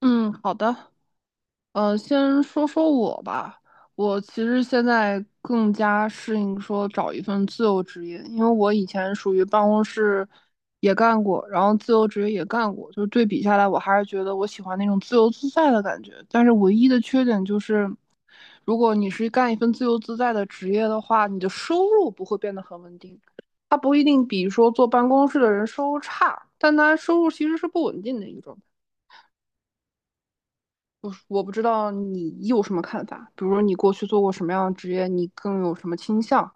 嗯，好的。先说说我吧。我其实现在更加适应说找一份自由职业，因为我以前属于办公室也干过，然后自由职业也干过，就是对比下来，我还是觉得我喜欢那种自由自在的感觉。但是唯一的缺点就是，如果你是干一份自由自在的职业的话，你的收入不会变得很稳定。它不一定比说坐办公室的人收入差，但它收入其实是不稳定的一种。我不知道你有什么看法，比如说你过去做过什么样的职业，你更有什么倾向？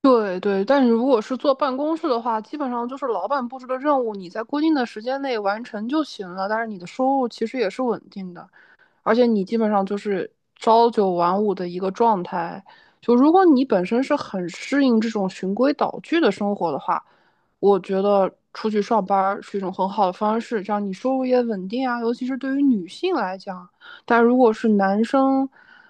对对，但是如果是做办公室的话，基本上就是老板布置的任务，你在规定的时间内完成就行了，但是你的收入其实也是稳定的。而且你基本上就是朝九晚五的一个状态。就如果你本身是很适应这种循规蹈矩的生活的话，我觉得出去上班是一种很好的方式，这样你收入也稳定啊。尤其是对于女性来讲，但如果是男生，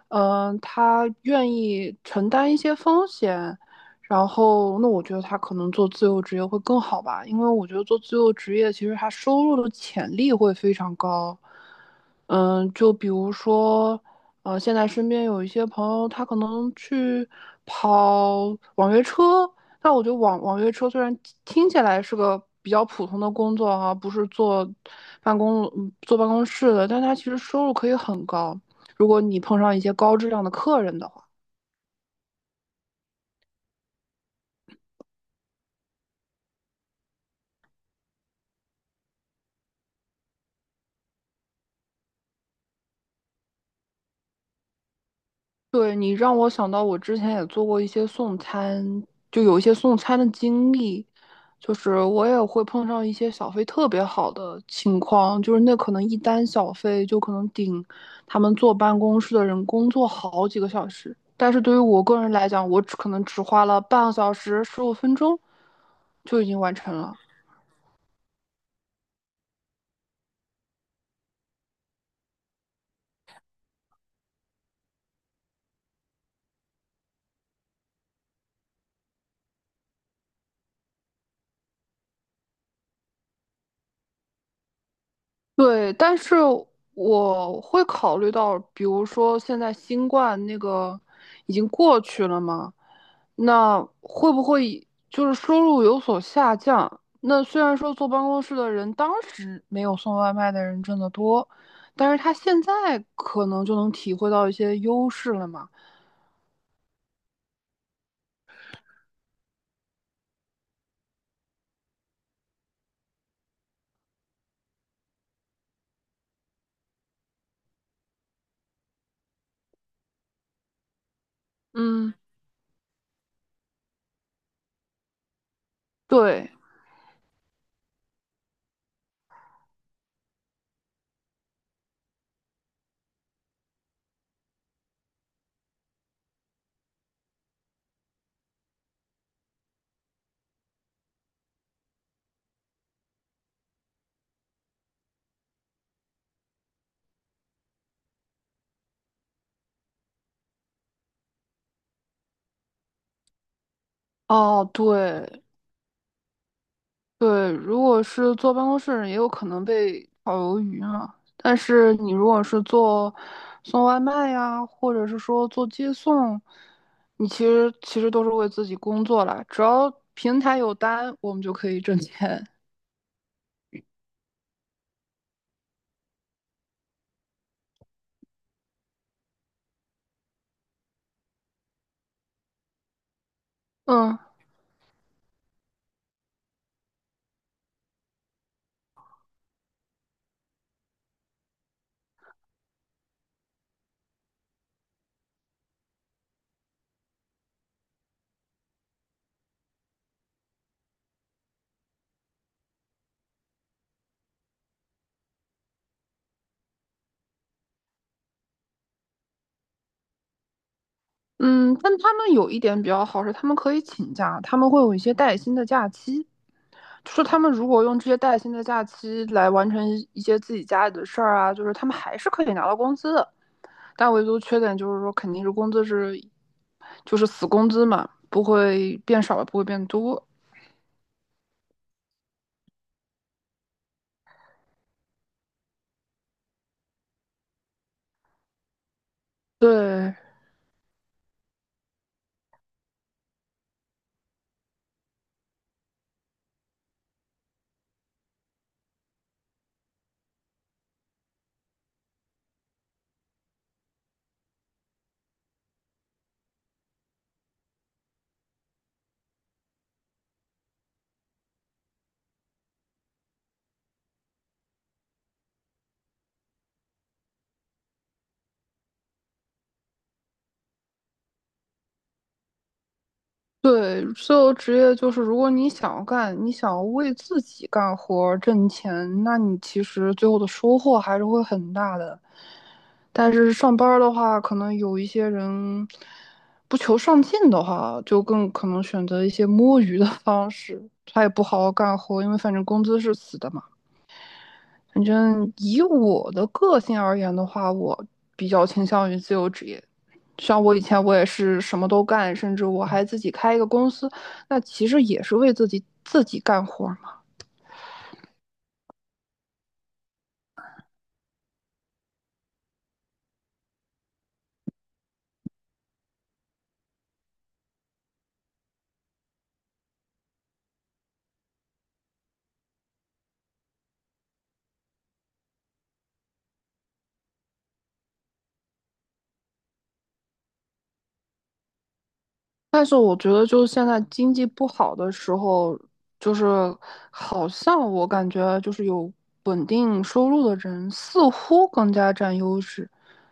他愿意承担一些风险，然后，那我觉得他可能做自由职业会更好吧，因为我觉得做自由职业其实他收入的潜力会非常高。嗯，就比如说，现在身边有一些朋友，他可能去跑网约车，但我觉得网约车虽然听起来是个比较普通的工作哈、不是坐办公室的，但他其实收入可以很高，如果你碰上一些高质量的客人的话。对，你让我想到我之前也做过一些送餐，就有一些送餐的经历，就是我也会碰上一些小费特别好的情况，就是那可能一单小费就可能顶他们坐办公室的人工作好几个小时，但是对于我个人来讲，我只可能只花了半个小时、十五分钟就已经完成了。对，但是我会考虑到，比如说现在新冠那个已经过去了嘛，那会不会就是收入有所下降？那虽然说坐办公室的人当时没有送外卖的人挣得多，但是他现在可能就能体会到一些优势了嘛。嗯，对，哦，对，对，如果是坐办公室的人也有可能被炒鱿鱼啊。但是你如果是做送外卖呀，或者是说做接送，你其实都是为自己工作啦。只要平台有单，我们就可以挣钱。嗯嗯，但他们有一点比较好是，他们可以请假，他们会有一些带薪的假期。就是他们如果用这些带薪的假期来完成一些自己家里的事儿啊，就是他们还是可以拿到工资的。但唯独缺点就是说，肯定是工资是就是死工资嘛，不会变少，不会变多。对对，所有职业就是，如果你想要干，你想要为自己干活挣钱，那你其实最后的收获还是会很大的。但是上班的话，可能有一些人不求上进的话，就更可能选择一些摸鱼的方式，他也不好好干活，因为反正工资是死的嘛。反正以我的个性而言的话，我比较倾向于自由职业。像我以前我也是什么都干，甚至我还自己开一个公司，那其实也是为自己干活，但是我觉得，就是现在经济不好的时候，就是好像我感觉就是有稳定收入的人似乎更加占优势，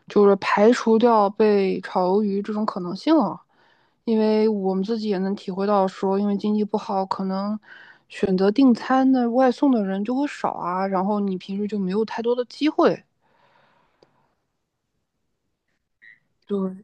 就是排除掉被炒鱿鱼这种可能性了。因为我们自己也能体会到说，因为经济不好，可能选择订餐的外送的人就会少啊，然后你平时就没有太多的机会。对，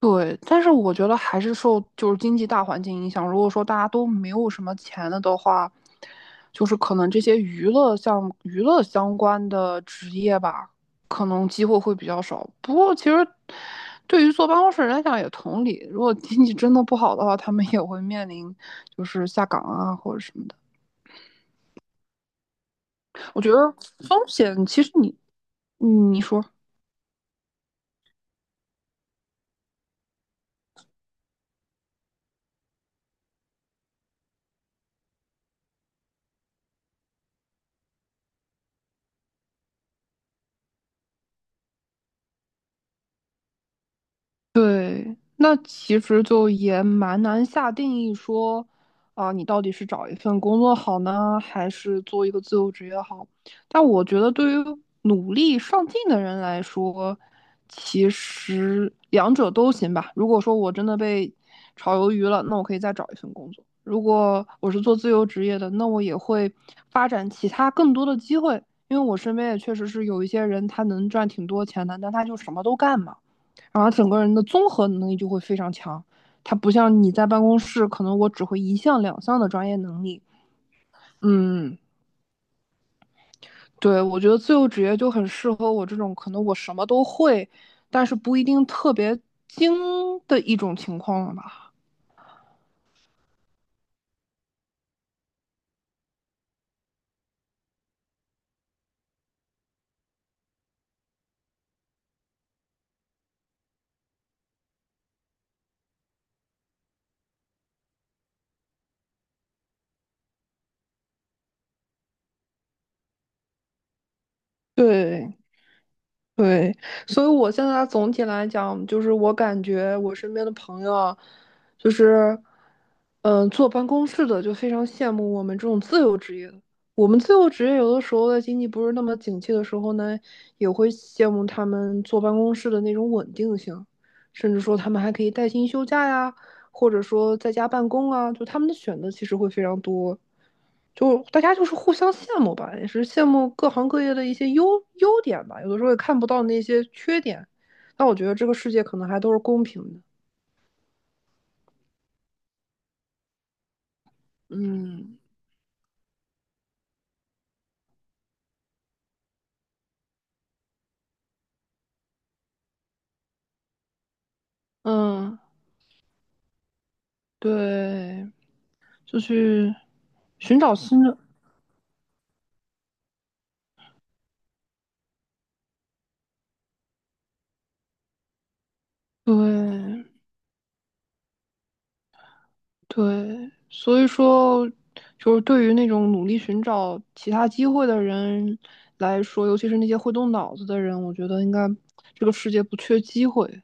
对，但是我觉得还是受就是经济大环境影响。如果说大家都没有什么钱了的话，就是可能这些娱乐相关的职业吧，可能机会会比较少。不过其实对于坐办公室人来讲也同理，如果经济真的不好的话，他们也会面临就是下岗啊或者什么的。我觉得风险其实你，嗯，你说。对，那其实就也蛮难下定义说，你到底是找一份工作好呢，还是做一个自由职业好？但我觉得，对于努力上进的人来说，其实两者都行吧。如果说我真的被炒鱿鱼了，那我可以再找一份工作；如果我是做自由职业的，那我也会发展其他更多的机会。因为我身边也确实是有一些人，他能赚挺多钱的，但他就什么都干嘛。然后整个人的综合能力就会非常强。他不像你在办公室，可能我只会一项两项的专业能力。嗯，对，我觉得自由职业就很适合我这种可能我什么都会，但是不一定特别精的一种情况了吧。对，对，所以我现在总体来讲，就是我感觉我身边的朋友啊就是，坐办公室的就非常羡慕我们这种自由职业的。我们自由职业有的时候在经济不是那么景气的时候呢，也会羡慕他们坐办公室的那种稳定性，甚至说他们还可以带薪休假呀，或者说在家办公啊，就他们的选择其实会非常多。就大家就是互相羡慕吧，也是羡慕各行各业的一些优点吧，有的时候也看不到那些缺点。那我觉得这个世界可能还都是公平的。嗯嗯，对，就去寻找新的，对。对，所以说，就是对于那种努力寻找其他机会的人来说，尤其是那些会动脑子的人，我觉得应该这个世界不缺机会。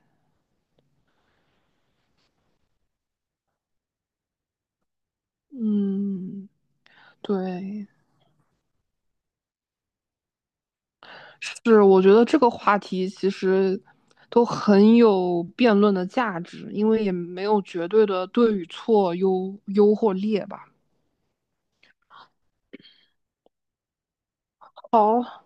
嗯，对，是，我觉得这个话题其实都很有辩论的价值，因为也没有绝对的对与错、优或劣吧。好，